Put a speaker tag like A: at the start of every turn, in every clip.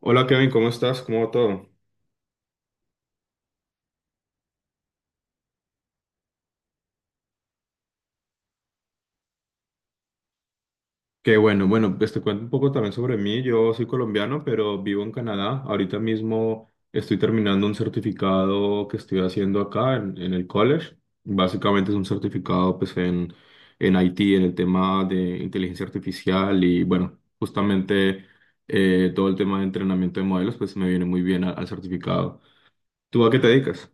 A: Hola Kevin, ¿cómo estás? ¿Cómo va todo? Qué bueno, bueno, pues te cuento un poco también sobre mí. Yo soy colombiano, pero vivo en Canadá. Ahorita mismo estoy terminando un certificado que estoy haciendo acá en el college. Básicamente es un certificado pues en IT, en el tema de inteligencia artificial y bueno, justamente todo el tema de entrenamiento de modelos pues me viene muy bien al certificado. ¿Tú a qué te dedicas?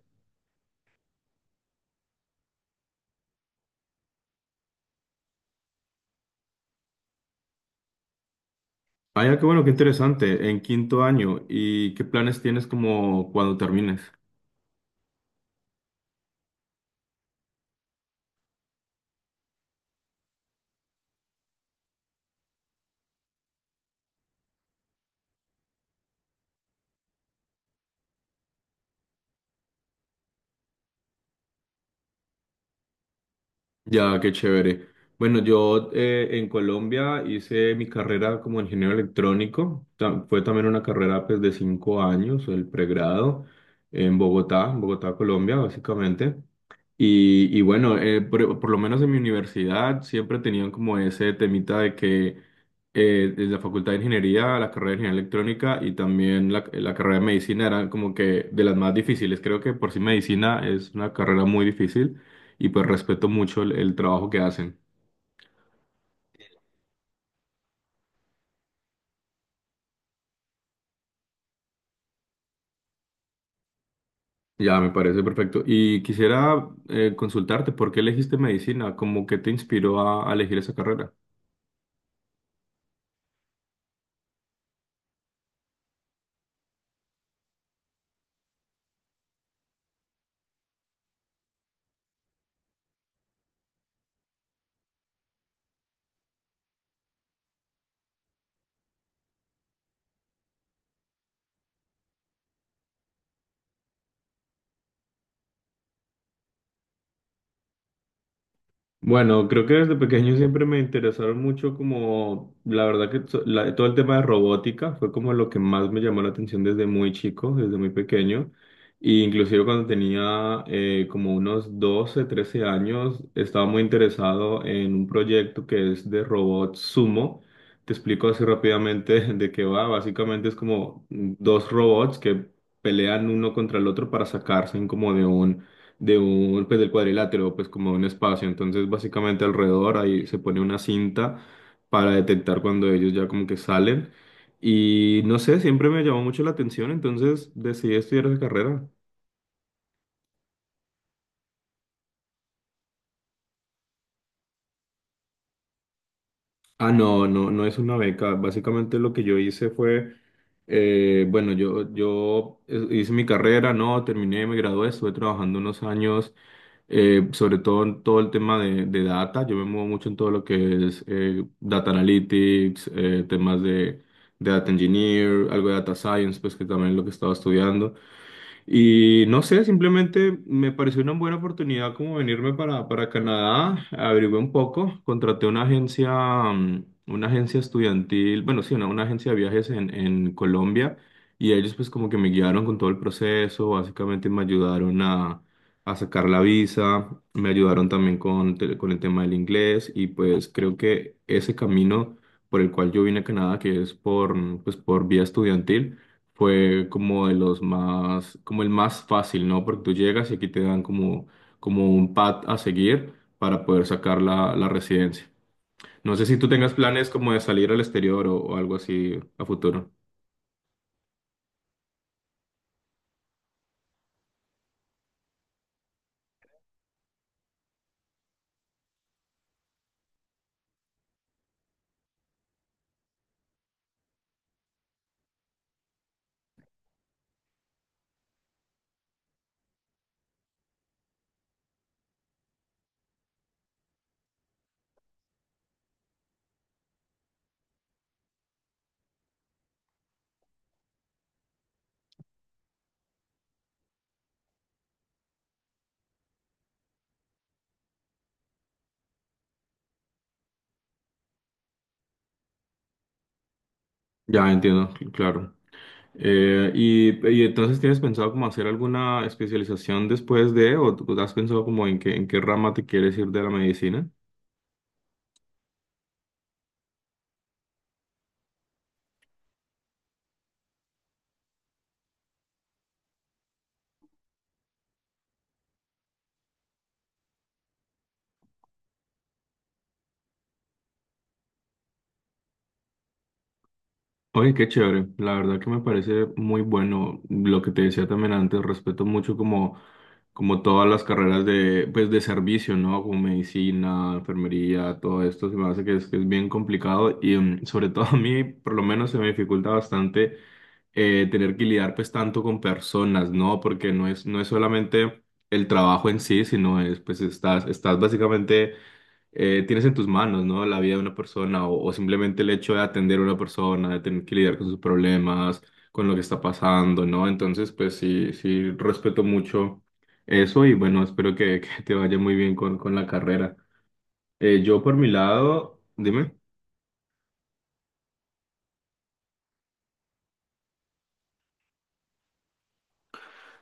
A: Ah, ya, qué bueno, qué interesante. En quinto año, ¿y qué planes tienes como cuando termines? Ya, qué chévere. Bueno, yo en Colombia hice mi carrera como ingeniero electrónico. Fue también una carrera pues, de 5 años, el pregrado, en Bogotá, Colombia, básicamente. Y bueno, por lo menos en mi universidad siempre tenían como ese temita de que en la Facultad de Ingeniería, la carrera de Ingeniería Electrónica y también la carrera de Medicina eran como que de las más difíciles. Creo que por sí Medicina es una carrera muy difícil y pues respeto mucho el trabajo que hacen. Ya, me parece perfecto. Y quisiera consultarte, ¿por qué elegiste medicina? ¿Cómo que te inspiró a elegir esa carrera? Bueno, creo que desde pequeño siempre me interesaron mucho como, la verdad que todo el tema de robótica fue como lo que más me llamó la atención desde muy chico, desde muy pequeño. Y inclusive cuando tenía como unos 12, 13 años, estaba muy interesado en un proyecto que es de robot Sumo. Te explico así rápidamente de qué va. Básicamente es como dos robots que pelean uno contra el otro para sacarse como de un pues del cuadrilátero, pues como un espacio. Entonces, básicamente alrededor ahí se pone una cinta para detectar cuando ellos ya como que salen. Y no sé, siempre me llamó mucho la atención, entonces decidí estudiar esa carrera. Ah, no, no, no es una beca. Básicamente lo que yo hice fue, bueno, yo hice mi carrera, no, terminé, me gradué, estuve trabajando unos años sobre todo en todo el tema de data. Yo me muevo mucho en todo lo que es data analytics, temas de data engineer, algo de data science, pues que también es lo que estaba estudiando. Y no sé, simplemente me pareció una buena oportunidad como venirme para Canadá, averigué un poco, contraté una agencia, una agencia estudiantil, bueno, sí, una agencia de viajes en Colombia y ellos pues como que me guiaron con todo el proceso, básicamente me ayudaron a sacar la visa, me ayudaron también con el tema del inglés y pues creo que ese camino por el cual yo vine a Canadá, que es por, pues, por vía estudiantil, fue como de los más, como el más fácil, ¿no? Porque tú llegas y aquí te dan como, como un pad a seguir para poder sacar la residencia. No sé si tú tengas planes como de salir al exterior o algo así a futuro. Ya entiendo, claro. Y entonces tienes pensado como hacer alguna especialización después de, o tú has pensado como en qué rama te quieres ir de la medicina? Oye, qué chévere, la verdad que me parece muy bueno lo que te decía también antes, respeto mucho como, como todas las carreras de, pues, de servicio, ¿no? Como medicina, enfermería, todo esto, se me hace que es bien complicado y mm, sobre todo a mí, por lo menos, se me dificulta bastante tener que lidiar pues tanto con personas, ¿no? Porque no es, no es solamente el trabajo en sí, sino es, pues, estás, estás básicamente tienes en tus manos, ¿no? La vida de una persona o simplemente el hecho de atender a una persona, de tener que lidiar con sus problemas, con lo que está pasando, ¿no? Entonces, pues sí, sí, respeto mucho eso y bueno, espero que, que te vaya muy bien con la carrera. Yo por mi lado, dime.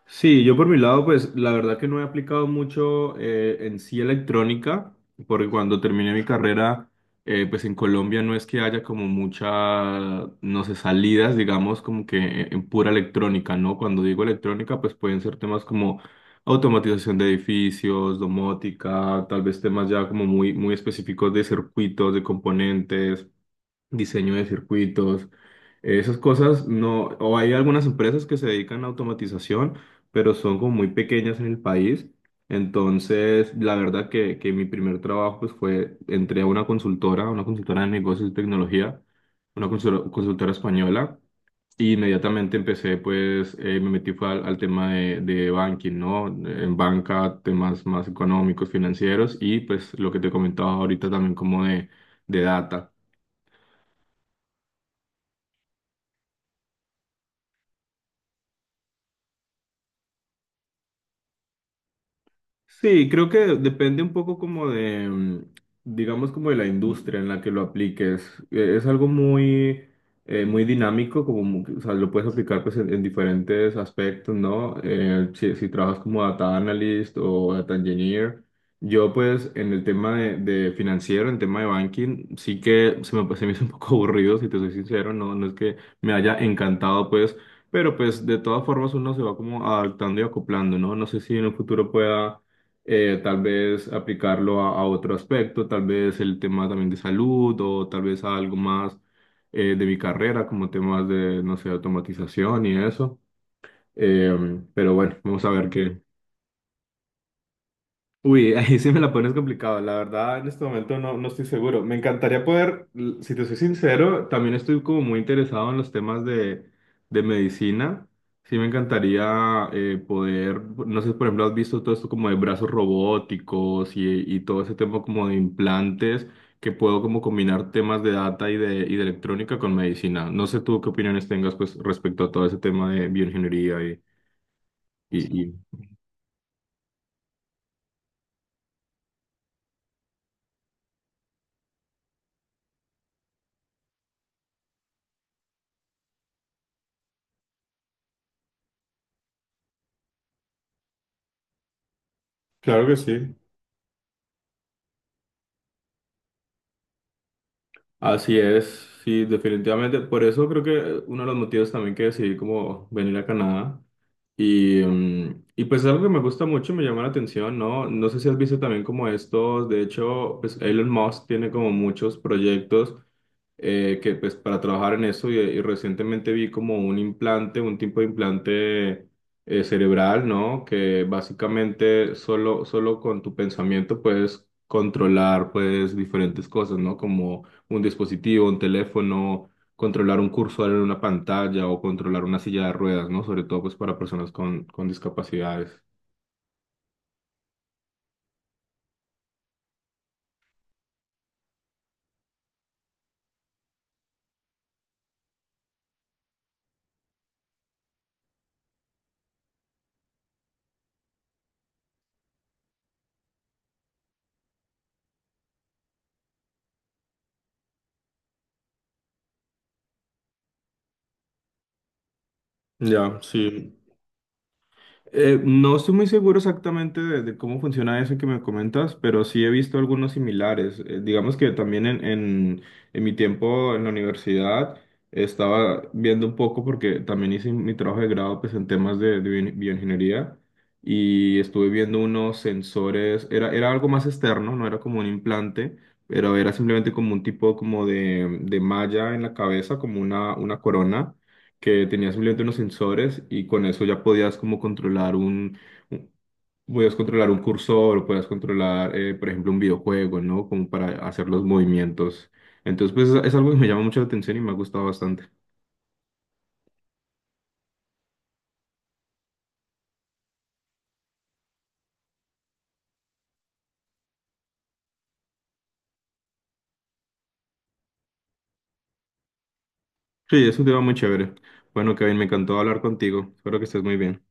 A: Sí, yo por mi lado, pues la verdad que no he aplicado mucho en sí electrónica, porque cuando terminé mi carrera, pues en Colombia no es que haya como muchas, no sé, salidas, digamos, como que en pura electrónica, ¿no? Cuando digo electrónica, pues pueden ser temas como automatización de edificios, domótica, tal vez temas ya como muy, muy específicos de circuitos, de componentes diseño de circuitos, esas cosas no, o hay algunas empresas que se dedican a automatización, pero son como muy pequeñas en el país. Entonces, la verdad que mi primer trabajo pues fue, entré a una consultora de negocios y tecnología, una consultora española. Y inmediatamente empecé, pues, me metí fue al tema de banking, ¿no? En banca, temas más económicos, financieros y pues lo que te comentaba ahorita también como de data. Sí, creo que depende un poco como de, digamos, como de la industria en la que lo apliques. Es algo muy, muy dinámico, como, o sea, lo puedes aplicar pues en diferentes aspectos, ¿no? Si, si trabajas como data analyst o data engineer. Yo pues en el tema de financiero, en tema de banking, sí que se me hizo un poco aburrido, si te soy sincero, no, no es que me haya encantado pues, pero pues de todas formas uno se va como adaptando y acoplando, ¿no? No sé si en el futuro pueda tal vez aplicarlo a otro aspecto, tal vez el tema también de salud o tal vez a algo más de mi carrera, como temas de, no sé, automatización y eso. Eh, pero bueno, vamos a ver qué. Uy, ahí sí me la pones complicado. La verdad, en este momento no, no estoy seguro. Me encantaría poder, si te soy sincero, también estoy como muy interesado en los temas de medicina. Sí me encantaría poder, no sé, por ejemplo, has visto todo esto como de brazos robóticos y todo ese tema como de implantes, que puedo como combinar temas de data y y de electrónica con medicina. No sé tú qué opiniones tengas pues respecto a todo ese tema de bioingeniería y... y, y... Claro que sí. Así es, sí, definitivamente. Por eso creo que uno de los motivos también que decidí como venir a Canadá y pues es algo que me gusta mucho, me llama la atención, ¿no? No sé si has visto también como estos, de hecho, pues Elon Musk tiene como muchos proyectos que pues para trabajar en eso y recientemente vi como un implante, un tipo de implante cerebral, ¿no? Que básicamente solo, solo con tu pensamiento puedes controlar pues diferentes cosas, ¿no? Como un dispositivo, un teléfono controlar un cursor en una pantalla o controlar una silla de ruedas, ¿no? Sobre todo pues para personas con discapacidades. Ya, sí. No estoy muy seguro exactamente de cómo funciona eso que me comentas, pero sí he visto algunos similares. Digamos que también en, en mi tiempo en la universidad estaba viendo un poco porque también hice mi trabajo de grado pues, en temas de bioingeniería y estuve viendo unos sensores, era, era algo más externo, no era como un implante, pero era simplemente como un tipo como de malla en la cabeza, como una corona que tenía simplemente unos sensores y con eso ya podías como controlar un, un- podías controlar un cursor, o podías controlar, por ejemplo, un videojuego, ¿no? Como para hacer los movimientos. Entonces, pues es algo que me llama mucho la atención y me ha gustado bastante. Sí, es un tema muy chévere. Bueno, Kevin, me encantó hablar contigo. Espero que estés muy bien.